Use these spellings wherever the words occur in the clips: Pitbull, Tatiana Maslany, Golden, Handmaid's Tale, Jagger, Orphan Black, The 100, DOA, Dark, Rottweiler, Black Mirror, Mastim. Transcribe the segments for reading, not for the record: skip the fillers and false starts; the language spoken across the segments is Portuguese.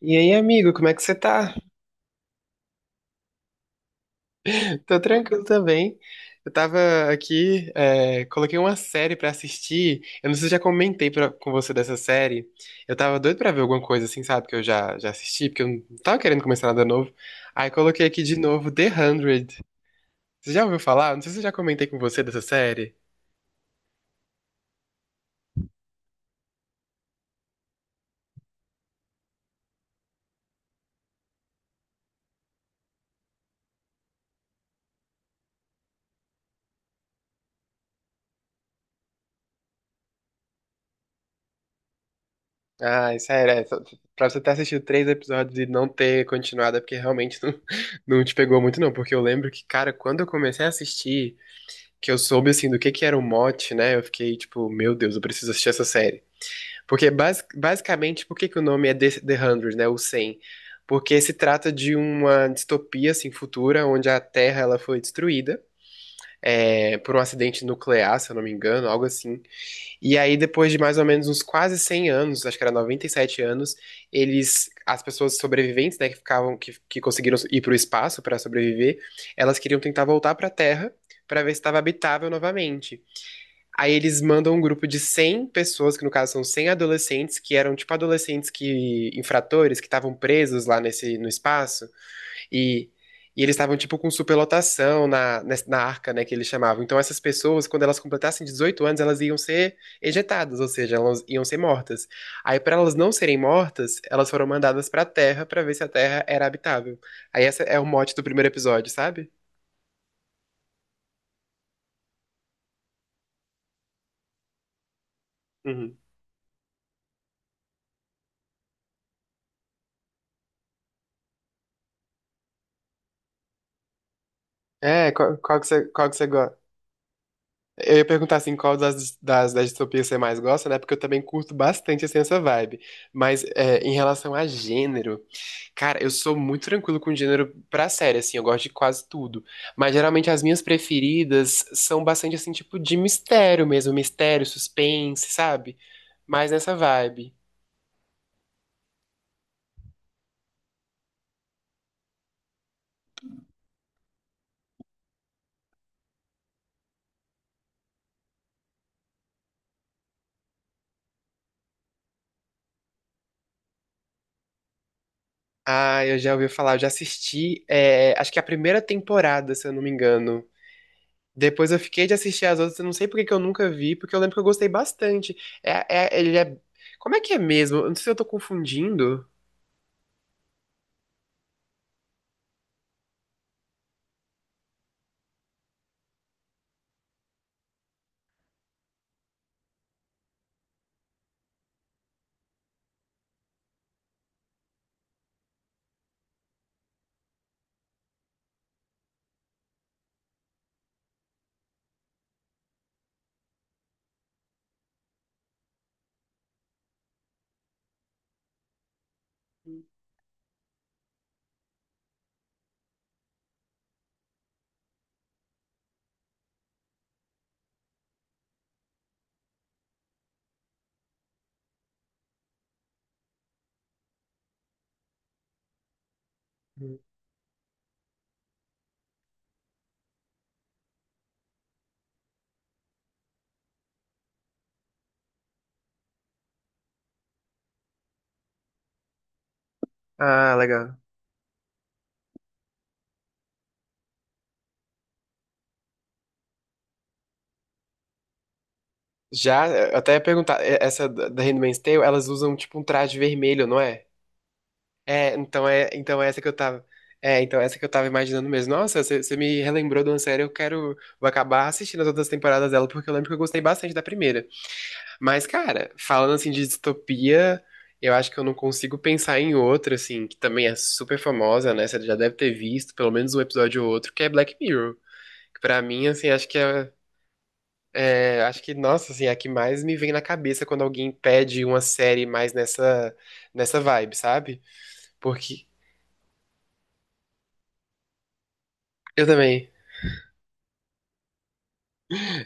E aí, amigo, como é que você tá? Tô tranquilo também. Eu tava aqui, coloquei uma série pra assistir. Eu não sei se eu já comentei com você dessa série. Eu tava doido pra ver alguma coisa assim, sabe? Que eu já assisti, porque eu não tava querendo começar nada novo. Aí coloquei aqui de novo The 100. Você já ouviu falar? Não sei se eu já comentei com você dessa série. Ah, sério, pra você ter assistido três episódios e não ter continuado, é porque realmente não, não te pegou muito, não. Porque eu lembro que, cara, quando eu comecei a assistir. Que eu soube, assim, do que era o mote, né? Eu fiquei, tipo, meu Deus, eu preciso assistir essa série. Porque, basicamente, por que que o nome é The 100, né? O 100? Porque se trata de uma distopia, assim, futura, onde a Terra, ela foi destruída por um acidente nuclear, se eu não me engano, algo assim. E aí, depois de mais ou menos uns quase 100 anos, acho que era 97 anos, eles, as pessoas sobreviventes, né, que ficavam, que conseguiram ir para o espaço para sobreviver, elas queriam tentar voltar para a Terra para ver se estava habitável novamente. Aí eles mandam um grupo de 100 pessoas, que no caso são 100 adolescentes, que eram tipo adolescentes que infratores, que estavam presos lá nesse no espaço e e eles estavam tipo com superlotação na arca, né, que eles chamavam. Então essas pessoas, quando elas completassem 18 anos, elas iam ser ejetadas, ou seja, elas iam ser mortas. Aí para elas não serem mortas, elas foram mandadas para a Terra para ver se a Terra era habitável. Aí essa é o mote do primeiro episódio, sabe? Uhum. É, qual, qual que você eu ia perguntar assim, qual das distopias você mais gosta, né? Porque eu também curto bastante assim, essa vibe. Mas em relação a gênero, cara, eu sou muito tranquilo com gênero pra série, assim, eu gosto de quase tudo. Mas geralmente as minhas preferidas são bastante assim, tipo, de mistério mesmo, mistério, suspense, sabe? Mais nessa vibe. Ah, eu já ouvi falar, eu já assisti, acho que a primeira temporada, se eu não me engano. Depois eu fiquei de assistir as outras, eu não sei por que que eu nunca vi, porque eu lembro que eu gostei bastante. Ele é. Como é que é mesmo? Eu não sei se eu tô confundindo. Ah, legal. Já, eu até ia perguntar, essa da Handmaid's Tale, elas usam tipo um traje vermelho, não é? É, então é essa que eu tava. É, então é essa que eu tava imaginando mesmo. Nossa, você me relembrou de uma série, eu quero. Vou acabar assistindo as outras temporadas dela, porque eu lembro que eu gostei bastante da primeira. Mas, cara, falando assim de distopia, eu acho que eu não consigo pensar em outra, assim, que também é super famosa, né? Você já deve ter visto pelo menos um episódio ou outro, que é Black Mirror. Que pra mim, assim, acho que, nossa, assim, é a que mais me vem na cabeça quando alguém pede uma série mais nessa vibe, sabe? Porque. Eu também.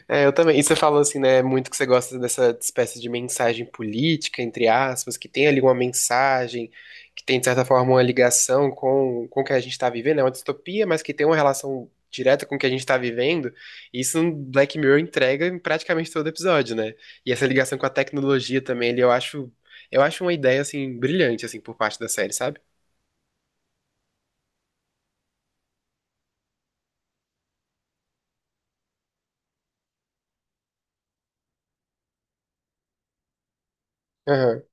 É, eu também. E você falou assim, né, muito que você gosta dessa espécie de mensagem política, entre aspas, que tem ali uma mensagem, que tem, de certa forma, uma ligação com o que a gente está vivendo, é uma distopia, mas que tem uma relação direta com o que a gente está vivendo. E isso no Black Mirror entrega em praticamente todo episódio, né? E essa ligação com a tecnologia também, ele, eu acho uma ideia, assim, brilhante, assim, por parte da série, sabe? Aham,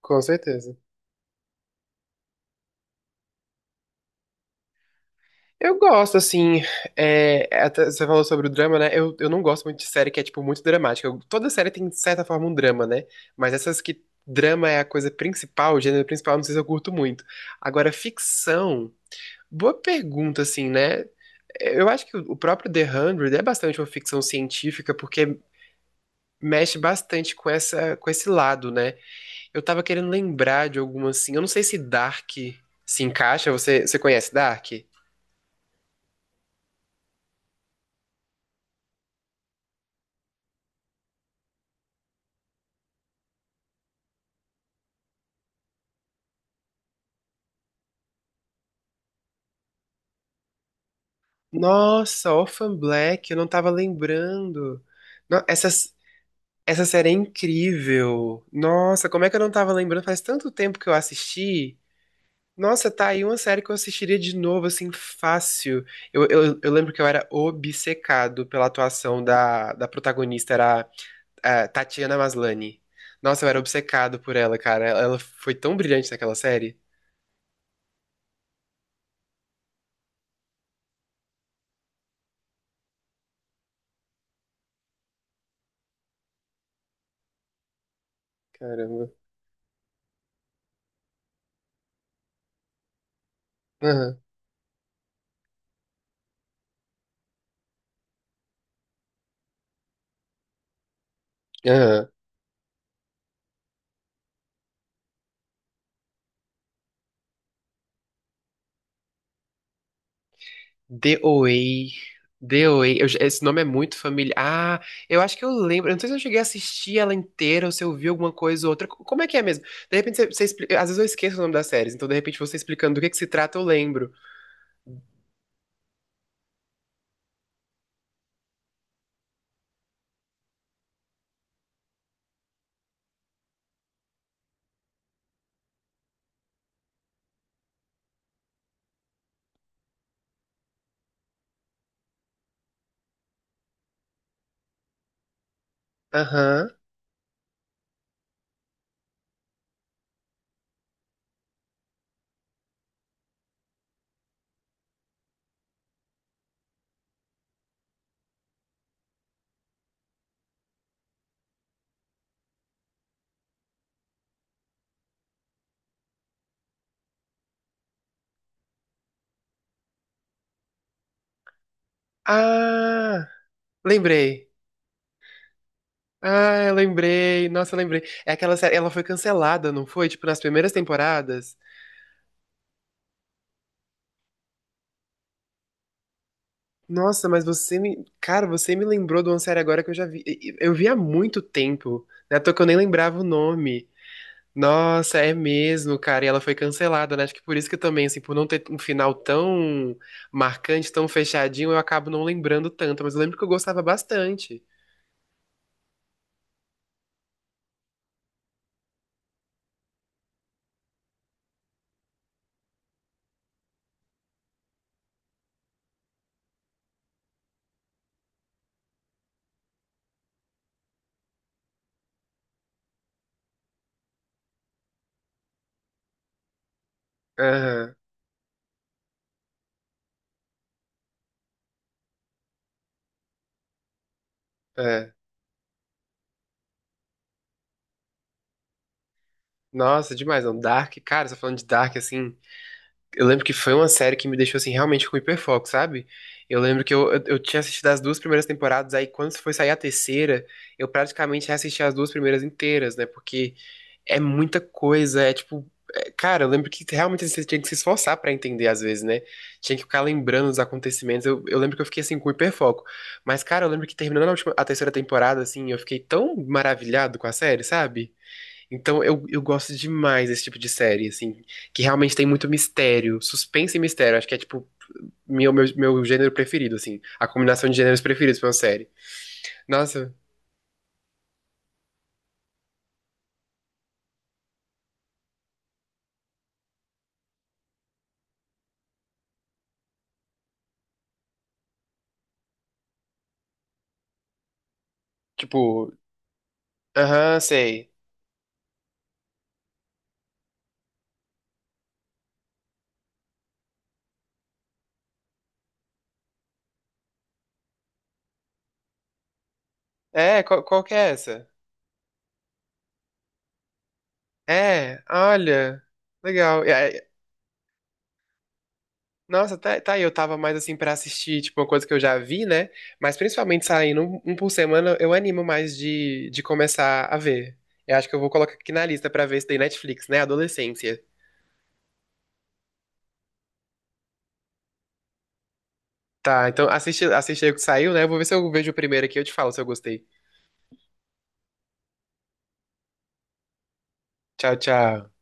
com certeza. Eu gosto, assim, até você falou sobre o drama, né? Eu não gosto muito de série que é, tipo, muito dramática. Toda série tem, de certa forma, um drama, né? Mas essas que drama é a coisa principal, o gênero principal, não sei se eu curto muito. Agora, ficção, boa pergunta, assim, né? Eu acho que o próprio The 100 é bastante uma ficção científica, porque mexe bastante com essa, com esse lado, né? Eu tava querendo lembrar de alguma, assim, eu não sei se Dark se encaixa, você conhece Dark? Nossa, Orphan Black, eu não tava lembrando. No- Essa, essa série é incrível. Nossa, como é que eu não tava lembrando? Faz tanto tempo que eu assisti. Nossa, tá aí uma série que eu assistiria de novo, assim, fácil. Eu lembro que eu era obcecado pela atuação da protagonista, era a Tatiana Maslany. Nossa, eu era obcecado por ela, cara. Ela foi tão brilhante naquela série. Caramba. Aham. Aham. DOA. DOA. Esse nome é muito familiar. Ah, eu acho que eu lembro. Eu não sei se eu cheguei a assistir ela inteira ou se eu vi alguma coisa ou outra. Como é que é mesmo? De repente você explica. Às vezes eu esqueço o nome das séries, então de repente você explicando do que se trata, eu lembro. Aham. Ah, lembrei. Ah, eu lembrei. Nossa, eu lembrei. É aquela série. Ela foi cancelada, não foi? Tipo, nas primeiras temporadas. Nossa, mas você me. Cara, você me lembrou de uma série agora que eu já vi. Eu vi há muito tempo. Né? À toa que eu nem lembrava o nome. Nossa, é mesmo, cara. E ela foi cancelada, né? Acho que por isso que também, assim, por não ter um final tão marcante, tão fechadinho, eu acabo não lembrando tanto. Mas eu lembro que eu gostava bastante. Aham, é. Nossa, demais. Não. Dark, cara, você tá falando de Dark, assim. Eu lembro que foi uma série que me deixou, assim, realmente com hiperfoco, sabe? Eu lembro que eu tinha assistido as duas primeiras temporadas, aí quando foi sair a terceira, eu praticamente assisti as duas primeiras inteiras, né? Porque. É muita coisa, é tipo. Cara, eu lembro que realmente você tinha que se esforçar pra entender às vezes, né? Tinha que ficar lembrando dos acontecimentos. Eu lembro que eu fiquei assim com hiperfoco. Mas, cara, eu lembro que terminando a última, a terceira temporada, assim, eu fiquei tão maravilhado com a série, sabe? Então eu gosto demais desse tipo de série, assim, que realmente tem muito mistério, suspense e mistério. Acho que é tipo meu gênero preferido, assim, a combinação de gêneros preferidos pra uma série. Nossa, tipo, aham, sei. É, qual que é essa? É, olha, legal. Nossa, tá aí, eu tava mais assim pra assistir, tipo, uma coisa que eu já vi, né? Mas principalmente saindo um por semana, eu animo mais de começar a ver. Eu acho que eu vou colocar aqui na lista pra ver isso daí Netflix, né? Adolescência. Tá, então assiste, assiste aí o que saiu, né? Eu vou ver se eu vejo o primeiro aqui e eu te falo se eu gostei. Tchau, tchau.